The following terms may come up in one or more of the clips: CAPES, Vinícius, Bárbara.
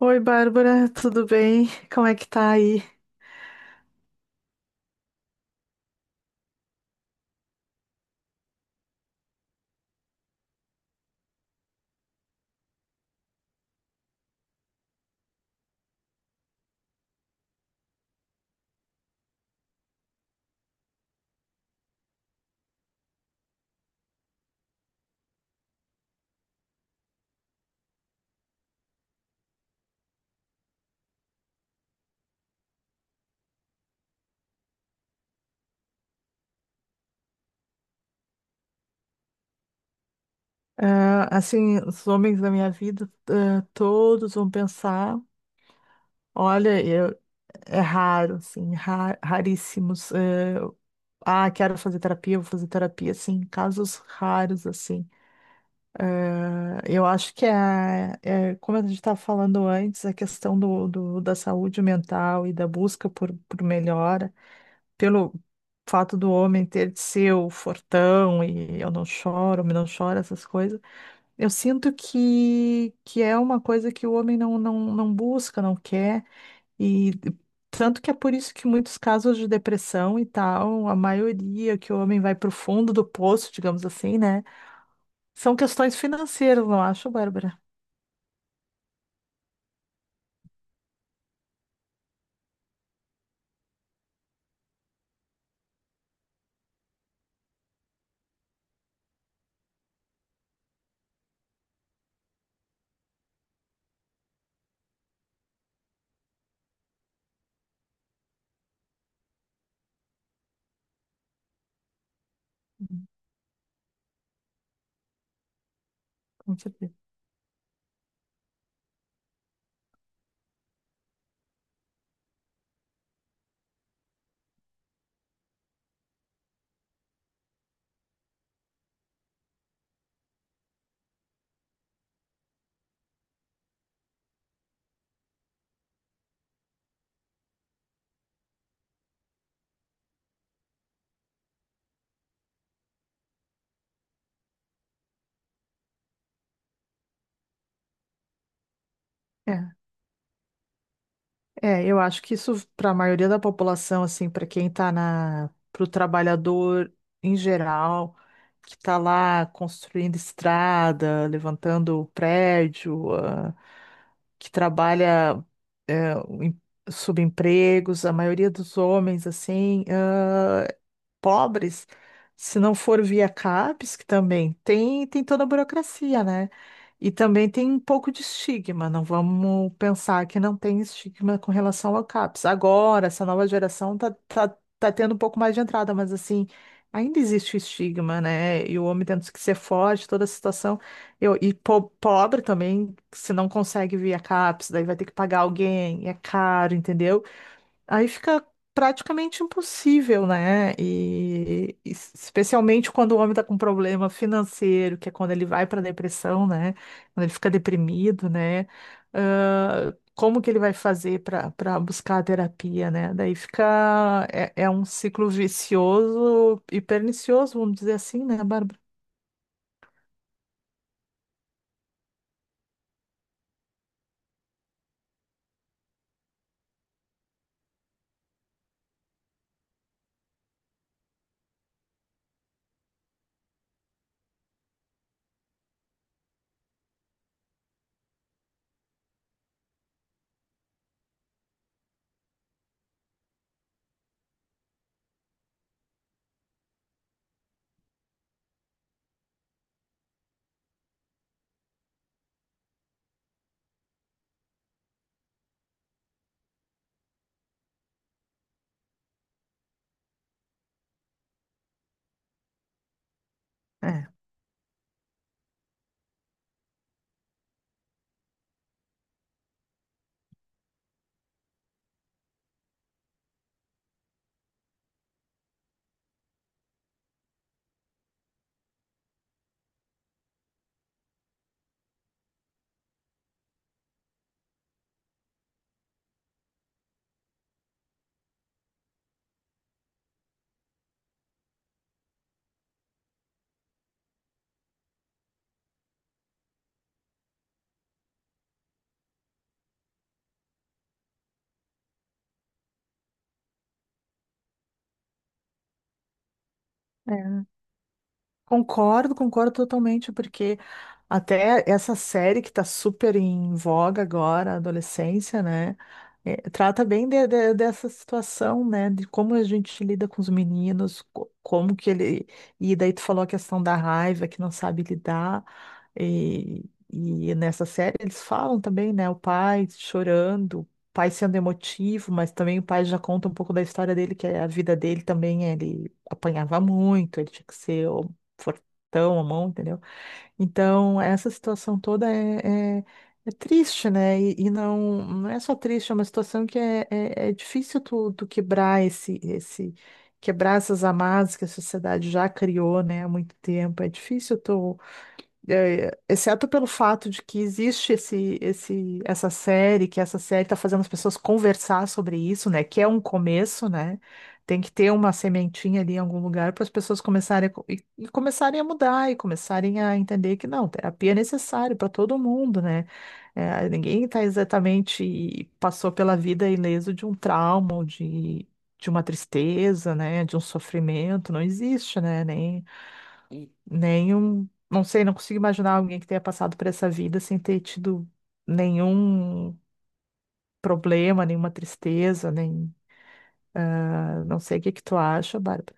Oi, Bárbara, tudo bem? Como é que tá aí? Ah, assim, os homens da minha vida, ah, todos vão pensar, olha, eu, é raro, assim, raríssimos. Quero fazer terapia, vou fazer terapia, assim, casos raros, assim. Ah, eu acho que é, como a gente estava falando antes, a questão da saúde mental e da busca por melhora. Pelo fato do homem ter de ser o fortão e eu não choro, homem não chora, essas coisas, eu sinto que é uma coisa que o homem não busca, não quer, e tanto que é por isso que muitos casos de depressão e tal, a maioria que o homem vai pro fundo do poço, digamos assim, né? São questões financeiras, não acho, Bárbara? Hum. Com certeza. É. É, eu acho que isso para a maioria da população, assim, para quem para o trabalhador em geral, que tá lá construindo estrada, levantando prédio, ah, que trabalha eh, em subempregos, a maioria dos homens, assim, ah, pobres, se não for via CAPES, que também tem toda a burocracia, né? E também tem um pouco de estigma, não vamos pensar que não tem estigma com relação ao CAPES. Agora, essa nova geração tá tendo um pouco mais de entrada, mas assim, ainda existe o estigma, né? E o homem tendo que ser forte, toda a situação. Eu, e Pobre também, se não consegue via CAPES, daí vai ter que pagar alguém, é caro, entendeu? Aí fica praticamente impossível, né? E especialmente quando o homem está com problema financeiro, que é quando ele vai para depressão, né? Quando ele fica deprimido, né? Ah, como que ele vai fazer para buscar a terapia, né? Daí fica é um ciclo vicioso e pernicioso, vamos dizer assim, né, Bárbara? É. Concordo totalmente, porque até essa série que está super em voga agora, a adolescência, né? Trata bem dessa situação, né? De como a gente lida com os meninos, como que ele. E daí tu falou a questão da raiva, que não sabe lidar. E, e nessa série eles falam também, né? O pai chorando, o pai sendo emotivo, mas também o pai já conta um pouco da história dele, que é a vida dele também, ele apanhava muito, ele tinha que ser fortão a mão, entendeu? Então, essa situação toda é triste, né? Não, não é só triste, é uma situação que é difícil tu quebrar quebrar essas amarras que a sociedade já criou, né, há muito tempo. É difícil tu é, exceto pelo fato de que existe essa série, que essa série está fazendo as pessoas conversar sobre isso, né? Que é um começo, né? Tem que ter uma sementinha ali em algum lugar para as pessoas começarem e começarem a mudar e começarem a entender que não, terapia é necessário para todo mundo, né? É, ninguém está exatamente passou pela vida ileso de um trauma, ou de uma tristeza, né? De um sofrimento, não existe, né? Nem Nenhum, não sei, não consigo imaginar alguém que tenha passado por essa vida sem ter tido nenhum problema, nenhuma tristeza, nem, ah, não sei o que que tu acha, Bárbara.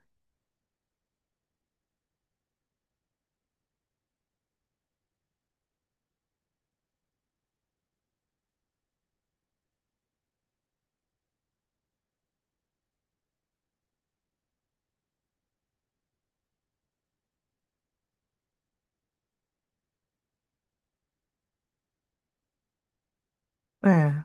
É.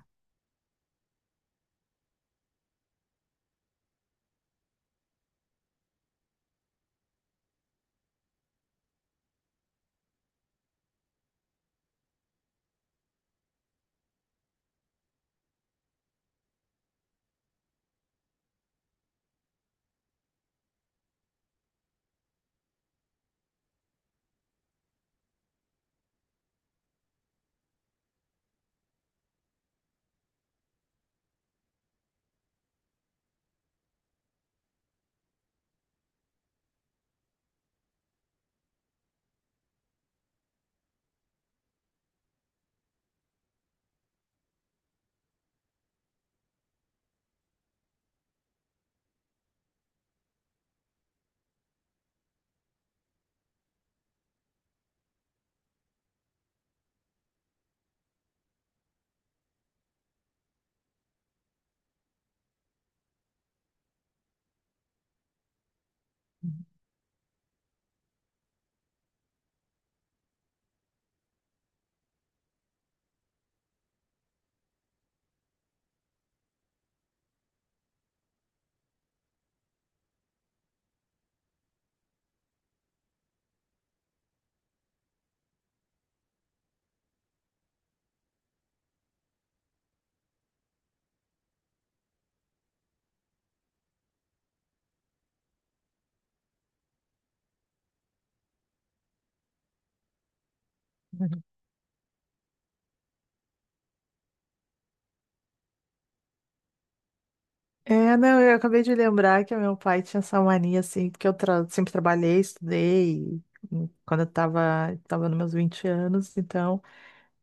É, não, eu acabei de lembrar que meu pai tinha essa mania, assim, porque sempre trabalhei, estudei, e, quando tava nos meus 20 anos, então.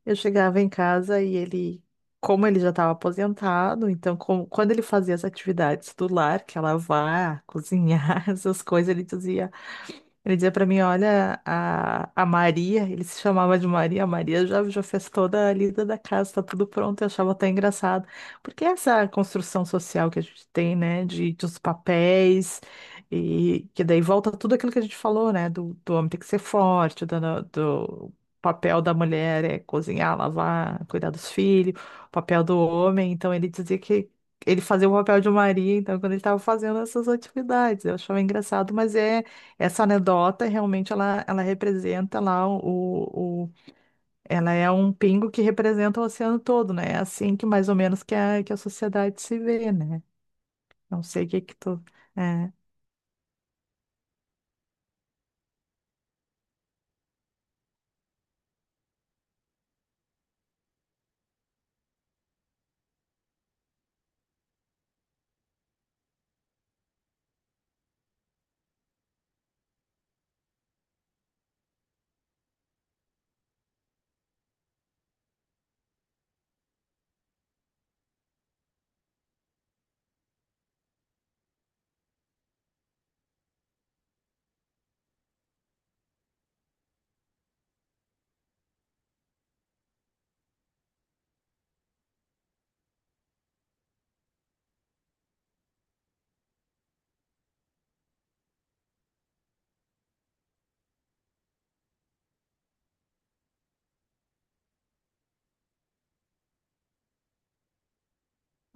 Eu chegava em casa e ele, como ele já estava aposentado, então quando ele fazia as atividades do lar, que é lavar, cozinhar, essas coisas, ele dizia. Ele dizia pra mim, olha, a Maria, ele se chamava de Maria, a Maria já fez toda a lida da casa, tá tudo pronto, eu achava até engraçado. Porque essa construção social que a gente tem, né, de os papéis, e que daí volta tudo aquilo que a gente falou, né, do homem ter que ser forte, do, do papel da mulher é cozinhar, lavar, cuidar dos filhos, o papel do homem, então ele dizia que ele fazia o papel de Maria, então, quando ele estava fazendo essas atividades, eu achava engraçado, mas é essa anedota realmente ela representa lá o, o- ela é um pingo que representa o oceano todo, né? É assim que mais ou menos que que a sociedade se vê, né? Não sei o que que tu é.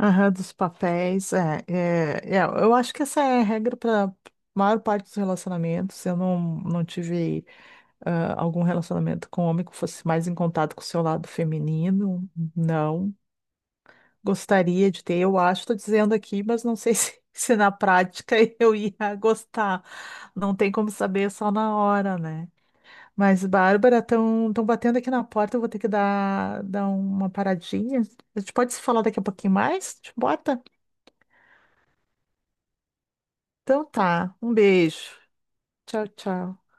Aham, dos papéis, é, eu acho que essa é a regra para maior parte dos relacionamentos. Eu não, Não tive ah, algum relacionamento com homem que fosse mais em contato com o seu lado feminino, não. Gostaria de ter, eu acho, estou dizendo aqui, mas não sei se, se na prática eu ia gostar. Não tem como saber é só na hora, né? Mas, Bárbara, estão batendo aqui na porta, eu vou ter que dar uma paradinha. A gente pode se falar daqui a pouquinho mais? Te bota? Então tá, um beijo. Tchau, tchau.